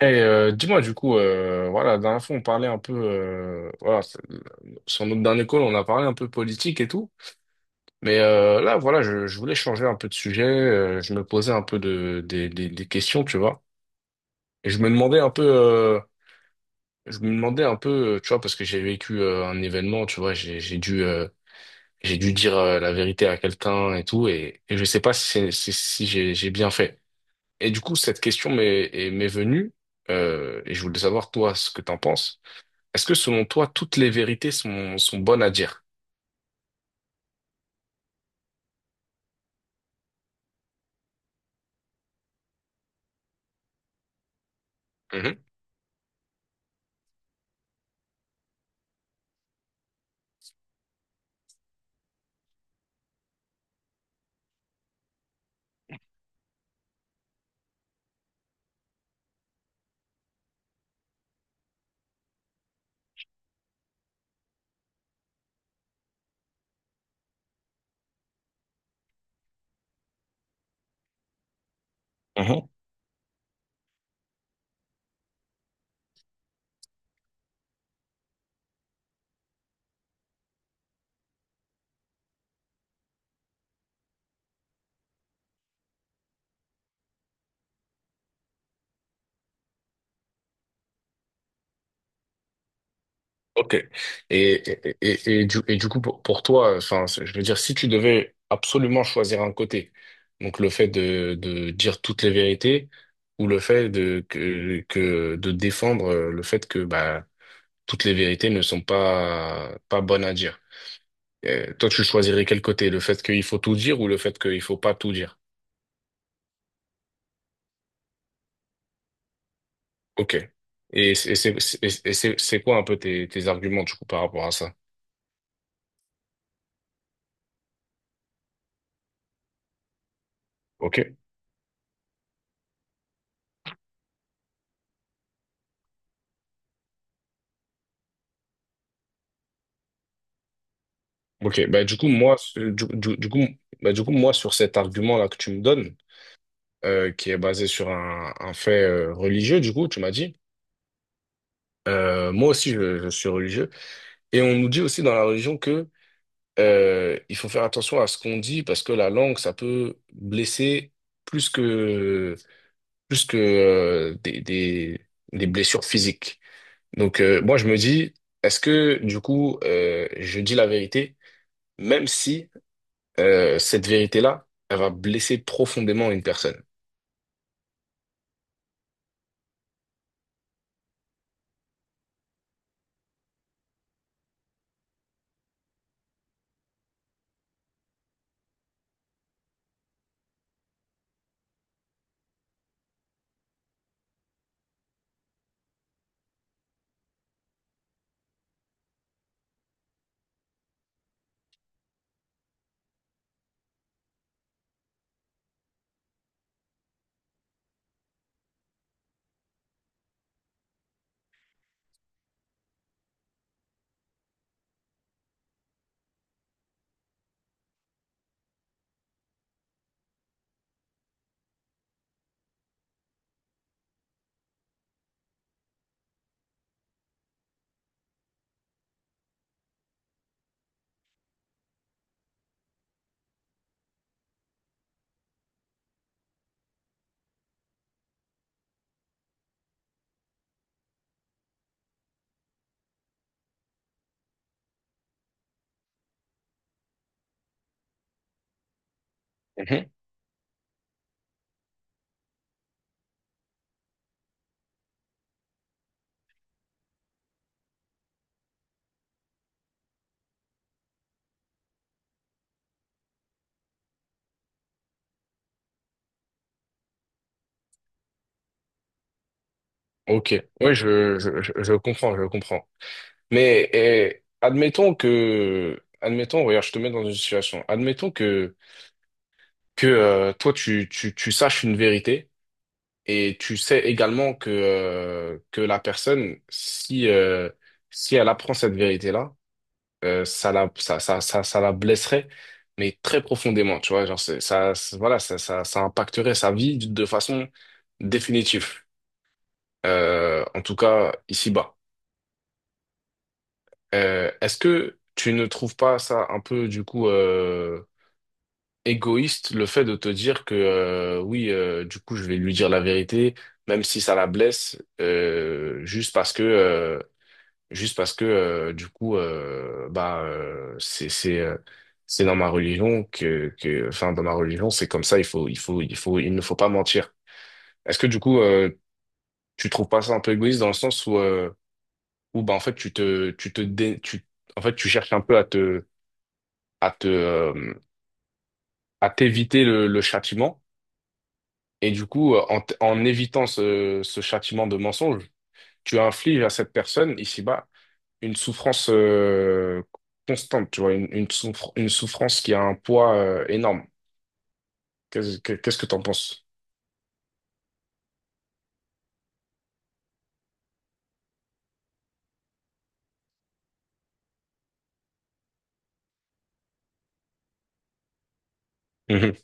Et dis-moi du coup, voilà, la dernière fois on parlait un peu, voilà, sur notre dernier call on a parlé un peu politique et tout, mais là voilà, je voulais changer un peu de sujet, je me posais un peu des questions, tu vois, et je me demandais un peu, tu vois, parce que j'ai vécu un événement, tu vois, j'ai dû dire la vérité à quelqu'un et tout, et je sais pas si, si j'ai bien fait. Et du coup cette question m'est venue, et je voulais savoir toi ce que t'en penses. Est-ce que selon toi, toutes les vérités sont bonnes à dire? Mhm. Mhm. Ok. Et du coup, pour toi, enfin, je veux dire, si tu devais absolument choisir un côté, donc le fait de dire toutes les vérités ou le fait de défendre le fait que bah, toutes les vérités ne sont pas bonnes à dire. Toi, tu choisirais quel côté? Le fait qu'il faut tout dire ou le fait qu'il faut pas tout dire? Ok. C'est quoi un peu tes arguments du coup par rapport à ça? Ok, ok. Bah, du coup, moi, du coup, moi, sur cet argument-là que tu me donnes, qui est basé sur un fait religieux, du coup, tu m'as dit, moi aussi, je suis religieux. Et on nous dit aussi dans la religion que il faut faire attention à ce qu'on dit parce que la langue, ça peut blesser plus que, plus que des blessures physiques. Donc, moi, je me dis, est-ce que, du coup, je dis la vérité, même si cette vérité-là, elle va blesser profondément une personne. Mhm. Ok, oui, je comprends, je comprends. Mais admettons, regarde, je te mets dans une situation. Admettons que toi tu saches une vérité et tu sais également que la personne, si elle apprend cette vérité-là, ça la, ça la blesserait, mais très profondément, tu vois, genre, voilà, ça impacterait sa vie de façon définitive, en tout cas, ici-bas. Est-ce que tu ne trouves pas ça un peu, du coup, égoïste, le fait de te dire que, oui, du coup, je vais lui dire la vérité, même si ça la blesse, juste parce que du coup bah c'est dans ma religion que enfin dans ma religion c'est comme ça il ne faut pas mentir. Est-ce que du coup tu trouves pas ça un peu égoïste dans le sens où bah en fait tu te dé- tu en fait tu cherches un peu à te euh, à t'éviter le châtiment et du coup en évitant ce châtiment de mensonge tu infliges à cette personne ici-bas une souffrance constante, tu vois, une souffrance qui a un poids énorme. Qu'est-ce que t'en penses? Mhm.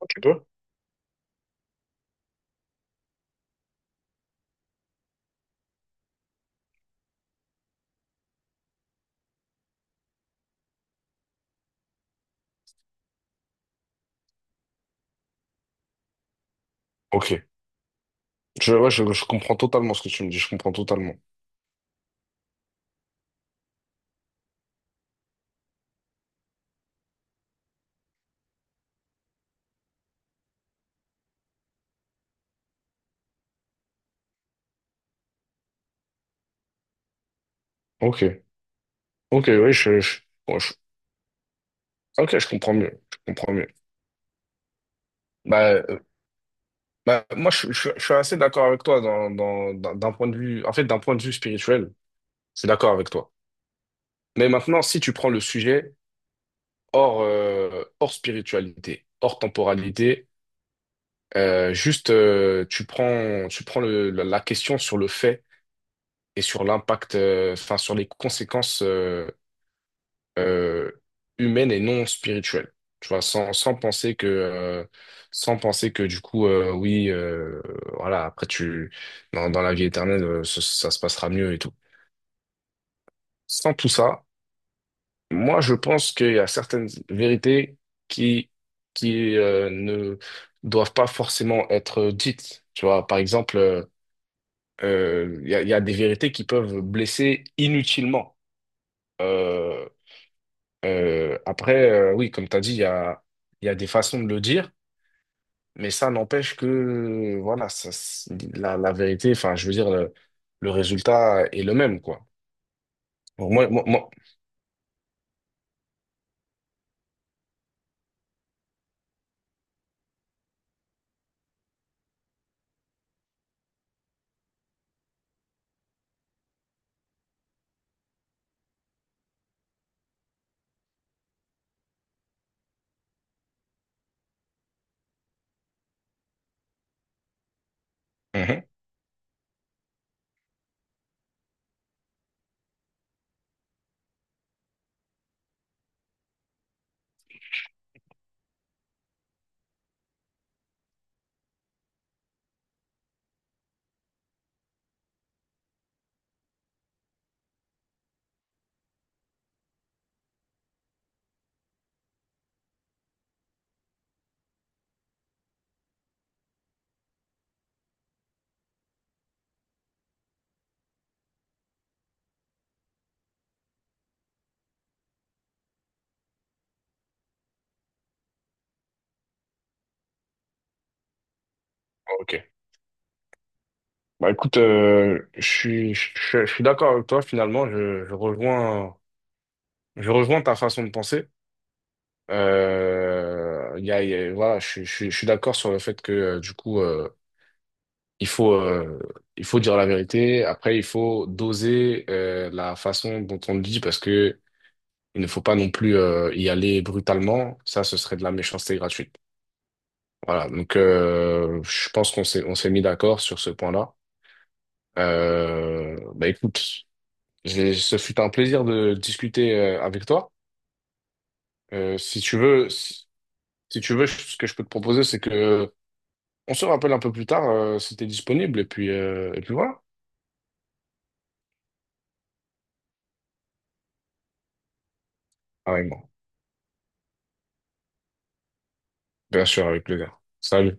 Ok, toi? Ok. Ouais, je comprends totalement ce que tu me dis, je comprends totalement. Ok. Ok, oui, bon, ok, je comprends mieux. Je comprends mieux. Bah, moi, je suis assez d'accord avec toi d'un point de vue, en fait, d'un point de vue spirituel, je suis d'accord avec toi. Mais maintenant, si tu prends le sujet hors spiritualité, hors temporalité. Juste, tu prends la question sur le fait et sur l'impact, enfin, sur les conséquences euh, humaines et non spirituelles. Tu vois, sans penser que du coup, oui, voilà, après, dans la vie éternelle, ça se passera mieux et tout. Sans tout ça, moi, je pense qu'il y a certaines vérités qui, qui ne doivent pas forcément être dites. Tu vois, par exemple, il y a des vérités qui peuvent blesser inutilement. Euh, Après, oui, comme tu as dit, il y a des façons de le dire, mais ça n'empêche que, voilà, la vérité, enfin, je veux dire, le résultat est le même, quoi. Donc, moi, moi, moi- Mhm. Ok. Bah, écoute, je suis d'accord avec toi, finalement, je rejoins ta façon de penser. Voilà, je suis d'accord sur le fait que, du coup, Il faut, euh, il faut dire la vérité. Après, il faut doser la façon dont on le dit parce que il ne faut pas non plus y aller brutalement. Ça, ce serait de la méchanceté gratuite. Voilà. Donc, je pense on s'est mis d'accord sur ce point-là. Bah écoute, ce fut un plaisir de discuter avec toi. Euh, si tu veux, si, Si tu veux, ce que je peux te proposer, c'est que on se rappelle un peu plus tard si t'es disponible. Et puis voilà. Carrément. Bien sûr, avec plaisir. Salut.